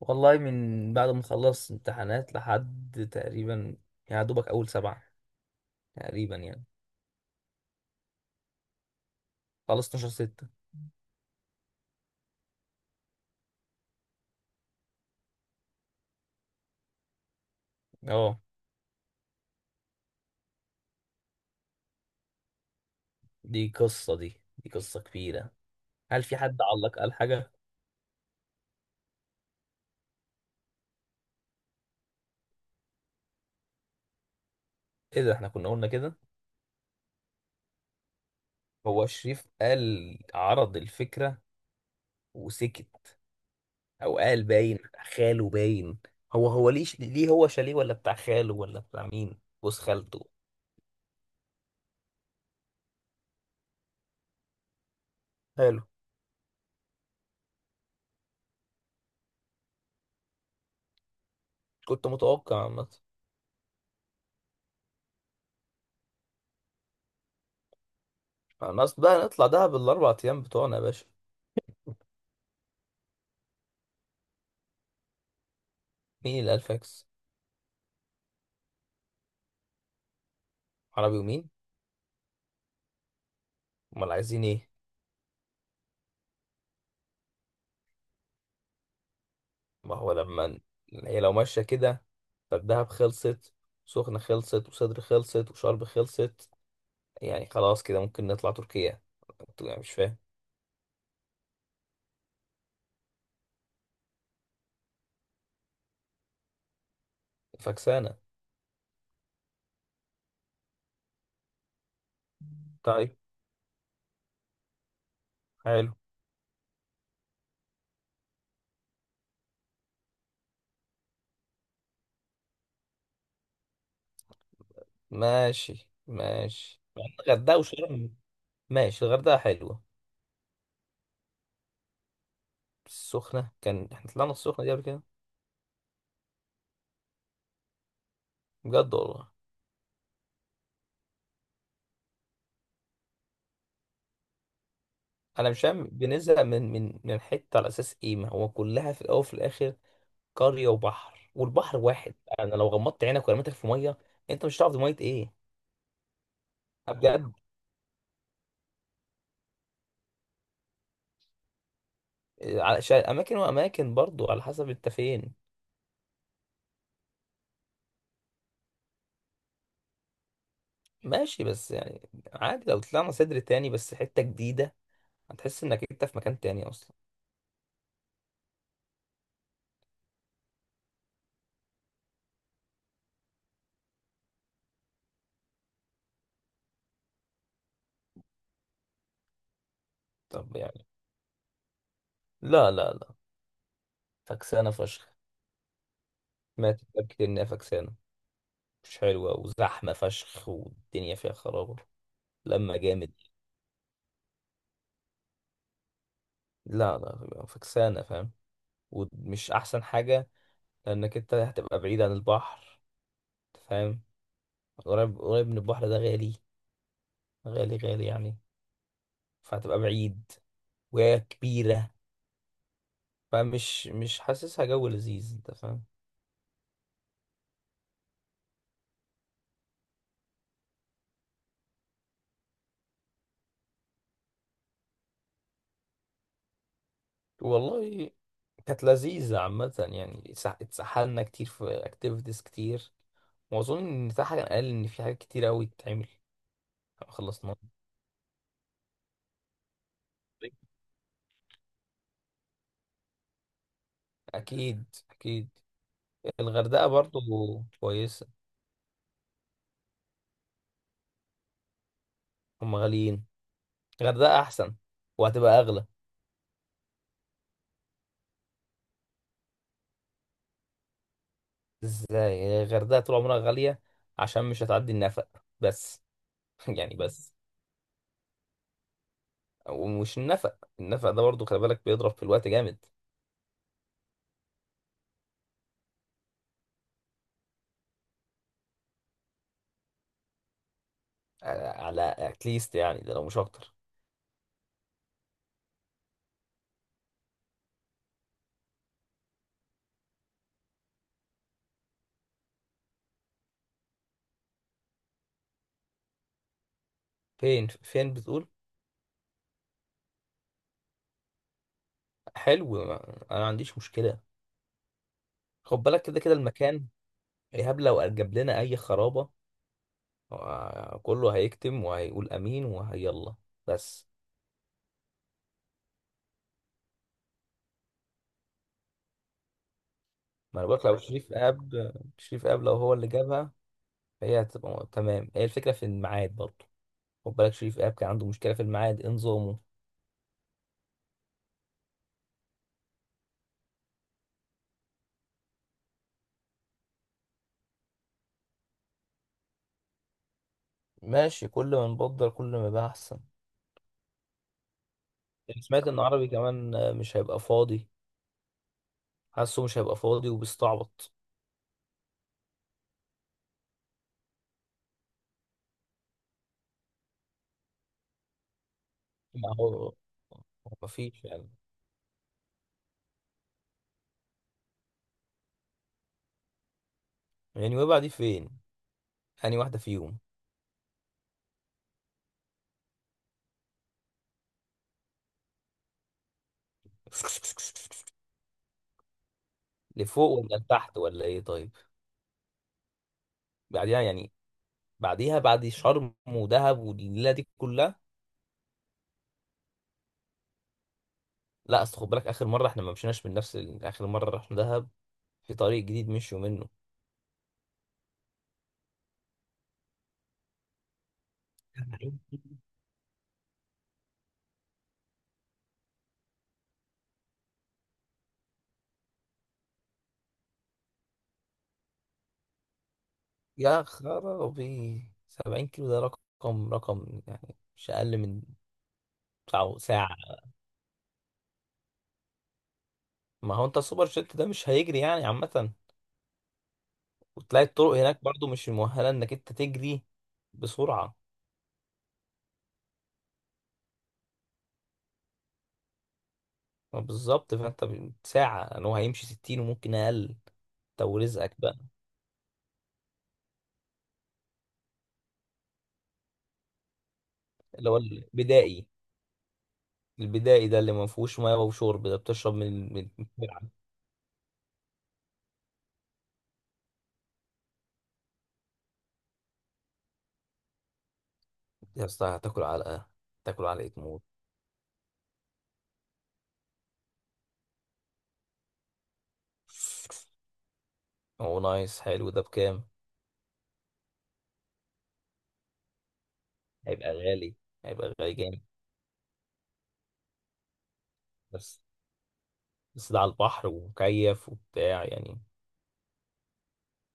والله، من بعد ما خلصت امتحانات لحد تقريبا يعني دوبك اول سبعة تقريبا يعني. خلص 12 ستة. اه، دي قصة كبيرة. هل في حد علق قال حاجة؟ ايه ده، احنا كنا قلنا كده؟ هو شريف قال عرض الفكرة وسكت، او قال باين بتاع خاله باين. هو ليه هو شاليه ولا بتاع خاله ولا بتاع مين، جوز خالته؟ حلو. كنت متوقع عامة. خلاص بقى نطلع دهب الاربع ايام بتوعنا يا باشا. مين اللي قال فاكس؟ عربي ومين؟ امال عايزين ايه؟ ما هو لما هي لو ماشيه كده، فالدهب خلصت، سخنه خلصت، وصدر خلصت، وشرم خلصت. يعني خلاص كده ممكن نطلع تركيا. انتوا يعني، مش فاهم. فكسانه؟ طيب. حلو. ماشي ماشي، مع إن الغردقه وشرم. ماشي الغردقه حلوه. السخنه، كان احنا طلعنا السخنه دي قبل كده؟ بجد والله. انا مش فاهم، بنزهق من حته على اساس ايه؟ ما هو كلها في الاول وفي الاخر قرية وبحر، والبحر واحد. انا لو غمضت عينك ورميتك في مية، انت مش هتعرف دي مية ايه، بجد. على اماكن واماكن برضو، على حسب انت فين. ماشي، بس يعني عادي لو طلعنا صدر تاني، بس حتة جديدة، هتحس انك انت في مكان تاني اصلا. طب يعني، لا لا لا، فكسانة فشخ، ماتت. كتير انها فكسانة، مش حلوة وزحمة فشخ، والدنيا فيها خرابة لما جامد. لا لا، فكسانة فاهم، ومش احسن حاجة، لانك انت هتبقى بعيد عن البحر، فاهم؟ قريب قريب من البحر ده غالي، غالي غالي يعني، فهتبقى بعيد، وهي كبيرة. فمش مش حاسسها جو لذيذ، انت فاهم. والله كانت لذيذة عامة يعني، اتسحلنا كتير في اكتيفيتيز كتير، واظن ان تحت كان قال ان في حاجات كتير قوي تتعمل. خلصنا. اكيد اكيد. الغردقة برضو كويسة. هم غاليين. الغردقة احسن، وهتبقى اغلى. ازاي؟ الغردقة طول عمرها غالية، عشان مش هتعدي النفق بس. يعني بس. ومش النفق، النفق ده برضو خلي بالك بيضرب في الوقت جامد. على اتليست يعني، ده لو مش اكتر. فين فين بتقول؟ حلو. انا ما عنديش مشكله. خد بالك كده كده المكان، ايهاب لو جاب لنا اي خرابه آه، كله هيكتم وهيقول امين وهيلا بس. ما انا بقولك، لو شريف اب، شريف اب لو هو اللي جابها، فهي هتبقى تمام. هي الفكره في الميعاد برضو، خد بالك شريف اب كان عنده مشكله في الميعاد انظامه. ماشي، كل ما نبدل كل ما يبقى احسن. أنا سمعت ان عربي كمان مش هيبقى فاضي، حاسه مش هيبقى فاضي وبيستعبط. ما هو مفيش يعني. يعني ويبقى دي فين؟ يعني واحده فيهم. لفوق ولا لتحت ولا ايه؟ طيب. بعديها يعني، بعديها بعد شرم ودهب والليله دي كلها. لا، اصل خد بالك اخر مره احنا ما مشيناش من نفس اخر مره رحنا دهب في طريق جديد مشوا منه. يا خرابي، 70 كيلو ده رقم، يعني مش اقل من ساعه. ما هو انت السوبر جيت ده مش هيجري يعني عامة، وتلاقي الطرق هناك برضو مش مؤهلة انك انت تجري بسرعة. ما بالظبط، فانت ساعة، ان هو هيمشي 60 وممكن اقل. انت ورزقك بقى. اللي هو البدائي. البدائي ده اللي ما فيهوش ميه وشرب، ده بتشرب من الترعة. يا اسطى هتاكل علقة. تاكل علقة موت. هو نايس. حلو، ده بكام؟ هيبقى غالي. هيبقى غالي جامد بس. بس ده على البحر ومكيف وبتاع يعني.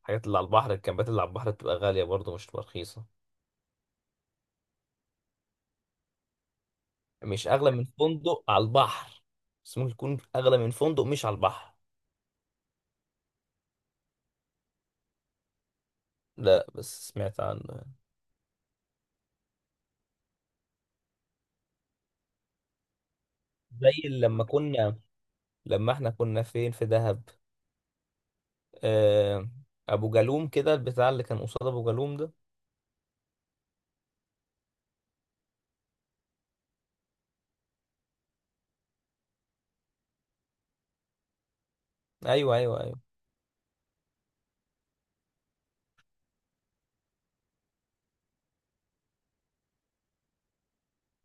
الحاجات اللي على البحر، الكامبات اللي على البحر بتبقى غالية برضه، مش بتبقى رخيصة. مش أغلى من فندق على البحر، بس ممكن يكون أغلى من فندق مش على البحر. لا، بس سمعت عن. زي لما كنا، لما احنا كنا فين في دهب؟ آه، أبو جالوم كده، البتاع اللي كان قصاد أبو جالوم ده. أيوه أيوه أيوه.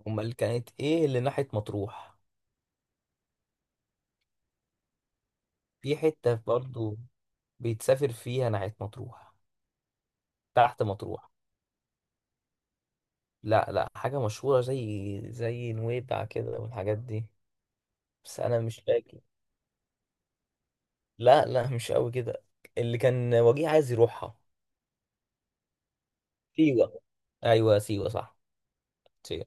أمال كانت إيه اللي ناحية مطروح؟ في حتة برضه بيتسافر فيها ناحية مطروح، تحت مطروح. لا لا، حاجة مشهورة زي زي نويبع كده والحاجات دي. بس انا مش فاكر. لا لا، مش قوي كده. اللي كان وجيه عايز يروحها. سيوة. ايوه سيوة، صح. سيوة.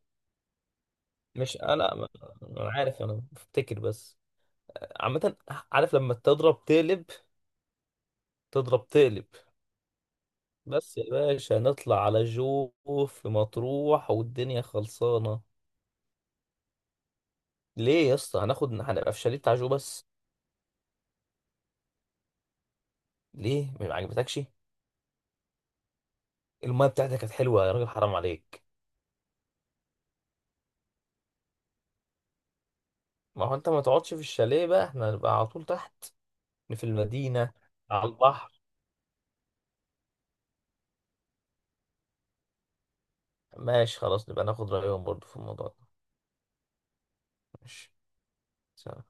مش انا، انا عارف، انا بفتكر بس. عامة، عارف لما تضرب تقلب، تضرب تقلب. بس يا باشا نطلع على جو في مطروح والدنيا خلصانة. ليه يا اسطى؟ هناخد، هنبقى في شاليه بتاع جو بس. ليه، ما عجبتكش؟ المايه بتاعتك كانت حلوة يا راجل، حرام عليك. ما هو انت ما تقعدش في الشاليه بقى، احنا هنبقى على طول تحت في المدينة على البحر. ماشي خلاص، نبقى ناخد رأيهم برضو في الموضوع ده. ماشي، سلام.